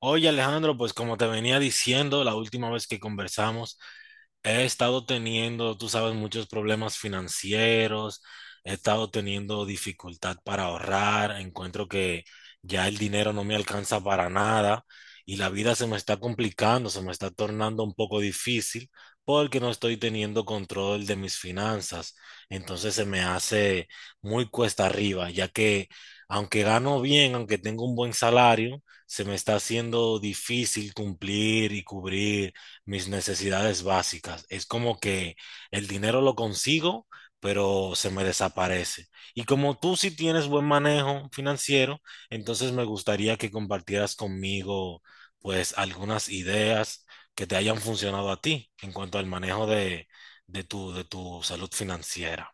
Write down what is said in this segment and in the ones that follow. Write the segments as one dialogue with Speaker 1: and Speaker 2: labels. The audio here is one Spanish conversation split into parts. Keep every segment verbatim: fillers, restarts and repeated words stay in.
Speaker 1: Oye, Alejandro, pues como te venía diciendo la última vez que conversamos, he estado teniendo, tú sabes, muchos problemas financieros, he estado teniendo dificultad para ahorrar, encuentro que ya el dinero no me alcanza para nada y la vida se me está complicando, se me está tornando un poco difícil porque no estoy teniendo control de mis finanzas. Entonces se me hace muy cuesta arriba, ya que aunque gano bien, aunque tengo un buen salario, se me está haciendo difícil cumplir y cubrir mis necesidades básicas. Es como que el dinero lo consigo, pero se me desaparece. Y como tú sí tienes buen manejo financiero, entonces me gustaría que compartieras conmigo pues algunas ideas que te hayan funcionado a ti en cuanto al manejo de, de tu, de tu salud financiera.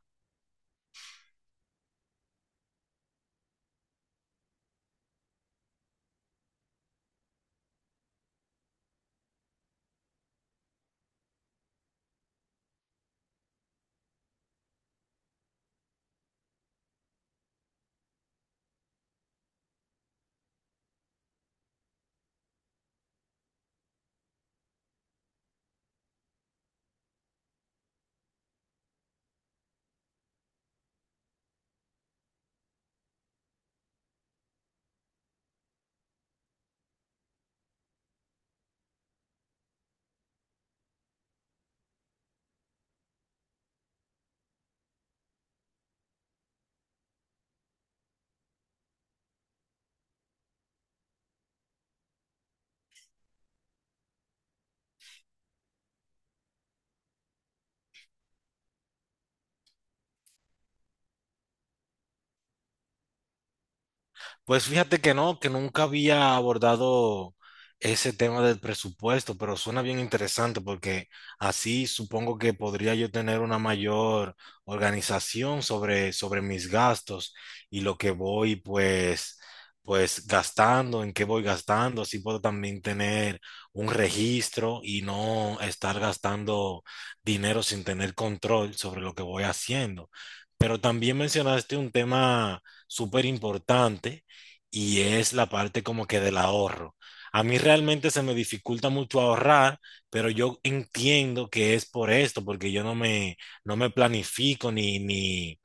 Speaker 1: Pues fíjate que no, que nunca había abordado ese tema del presupuesto, pero suena bien interesante porque así supongo que podría yo tener una mayor organización sobre, sobre mis gastos y lo que voy pues, pues gastando, en qué voy gastando, así puedo también tener un registro y no estar gastando dinero sin tener control sobre lo que voy haciendo. Pero también mencionaste un tema súper importante y es la parte como que del ahorro. A mí realmente se me dificulta mucho ahorrar, pero yo entiendo que es por esto, porque yo no me, no me planifico ni, ni,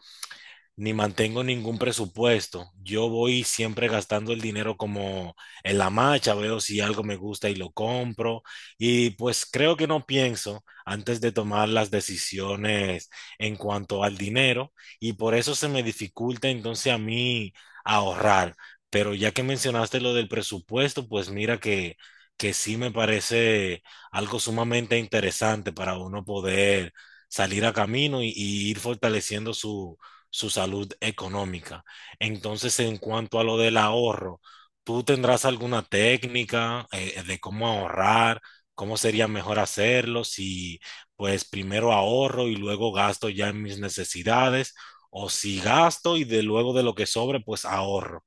Speaker 1: ni mantengo ningún presupuesto. Yo voy siempre gastando el dinero como en la marcha, veo si algo me gusta y lo compro. Y pues creo que no pienso antes de tomar las decisiones en cuanto al dinero y por eso se me dificulta entonces a mí ahorrar. Pero ya que mencionaste lo del presupuesto, pues mira que, que sí me parece algo sumamente interesante para uno poder salir a camino y, y ir fortaleciendo su su salud económica. Entonces, en cuanto a lo del ahorro, ¿tú tendrás alguna técnica eh, eh, de cómo ahorrar? ¿Cómo sería mejor hacerlo? Si pues primero ahorro y luego gasto ya en mis necesidades, o si gasto y de luego de lo que sobre, pues ahorro.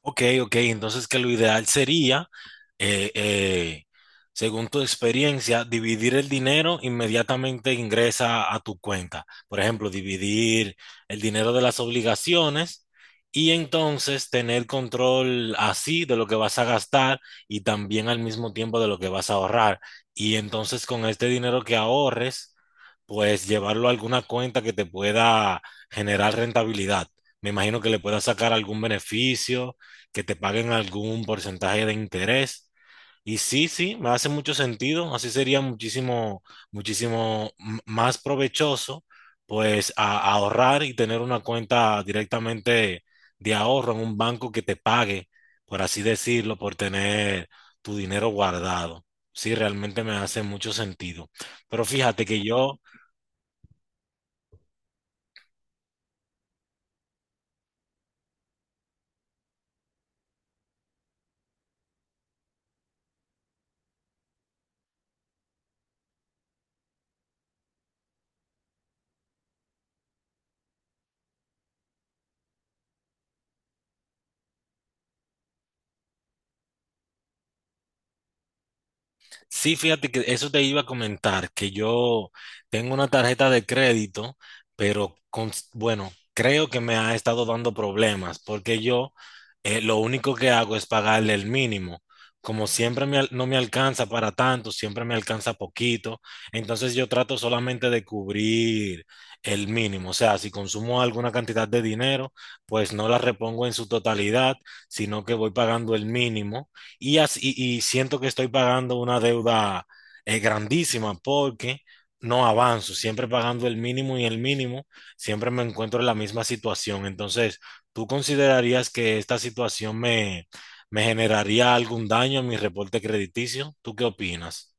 Speaker 1: Ok, ok, entonces que lo ideal sería eh, eh, según tu experiencia, dividir el dinero inmediatamente ingresa a tu cuenta. Por ejemplo, dividir el dinero de las obligaciones y entonces tener control así de lo que vas a gastar y también al mismo tiempo de lo que vas a ahorrar. Y entonces con este dinero que ahorres, pues llevarlo a alguna cuenta que te pueda generar rentabilidad. Me imagino que le puedas sacar algún beneficio, que te paguen algún porcentaje de interés. Y sí, sí, me hace mucho sentido. Así sería muchísimo, muchísimo m- más provechoso, pues, a- a ahorrar y tener una cuenta directamente de ahorro en un banco que te pague, por así decirlo, por tener tu dinero guardado. Sí, realmente me hace mucho sentido. Pero fíjate que yo, sí, fíjate que eso te iba a comentar, que yo tengo una tarjeta de crédito, pero con, bueno, creo que me ha estado dando problemas, porque yo eh, lo único que hago es pagarle el mínimo. Como siempre me al- no me alcanza para tanto, siempre me alcanza poquito, entonces yo trato solamente de cubrir el mínimo. O sea, si consumo alguna cantidad de dinero, pues no la repongo en su totalidad, sino que voy pagando el mínimo y, así, y siento que estoy pagando una deuda eh, grandísima porque no avanzo, siempre pagando el mínimo y el mínimo, siempre me encuentro en la misma situación. Entonces, ¿tú considerarías que esta situación me, me generaría algún daño en mi reporte crediticio? ¿Tú qué opinas?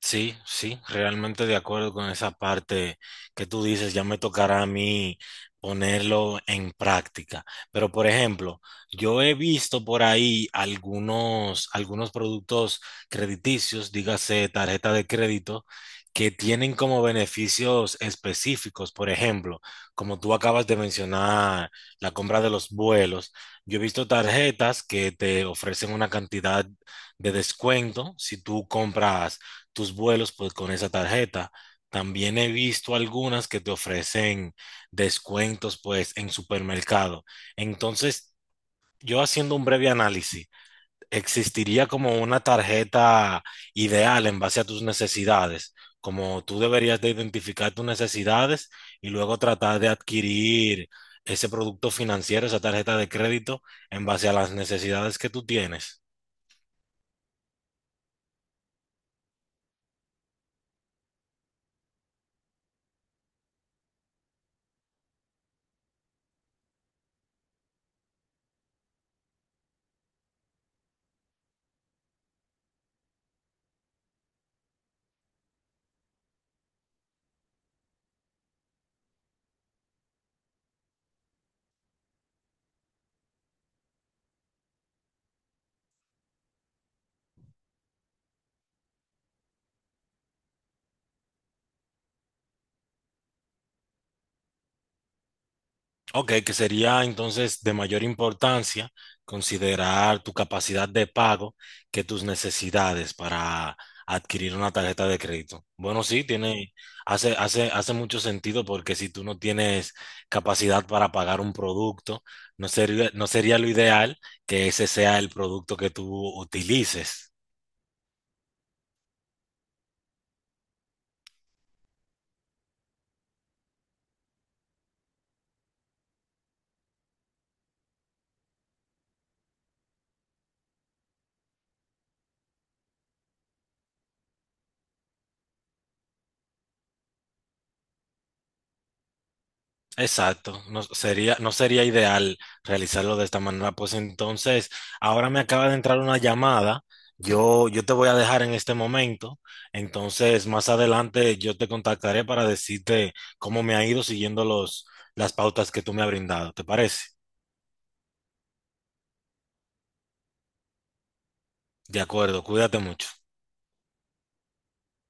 Speaker 1: Sí, sí, realmente de acuerdo con esa parte que tú dices, ya me tocará a mí ponerlo en práctica. Pero, por ejemplo, yo he visto por ahí algunos, algunos productos crediticios, dígase tarjeta de crédito, que tienen como beneficios específicos. Por ejemplo, como tú acabas de mencionar, la compra de los vuelos. Yo he visto tarjetas que te ofrecen una cantidad de descuento si tú compras tus vuelos pues, con esa tarjeta. También he visto algunas que te ofrecen descuentos pues en supermercado. Entonces, yo haciendo un breve análisis, existiría como una tarjeta ideal en base a tus necesidades, como tú deberías de identificar tus necesidades y luego tratar de adquirir ese producto financiero, esa tarjeta de crédito en base a las necesidades que tú tienes. Ok, que sería entonces de mayor importancia considerar tu capacidad de pago que tus necesidades para adquirir una tarjeta de crédito. Bueno, sí, tiene, hace, hace, hace mucho sentido porque si tú no tienes capacidad para pagar un producto, no sería, no sería lo ideal que ese sea el producto que tú utilices. Exacto, no sería, no sería ideal realizarlo de esta manera. Pues entonces, ahora me acaba de entrar una llamada. Yo, yo te voy a dejar en este momento. Entonces, más adelante yo te contactaré para decirte cómo me ha ido siguiendo los, las pautas que tú me has brindado. ¿Te parece? De acuerdo, cuídate mucho.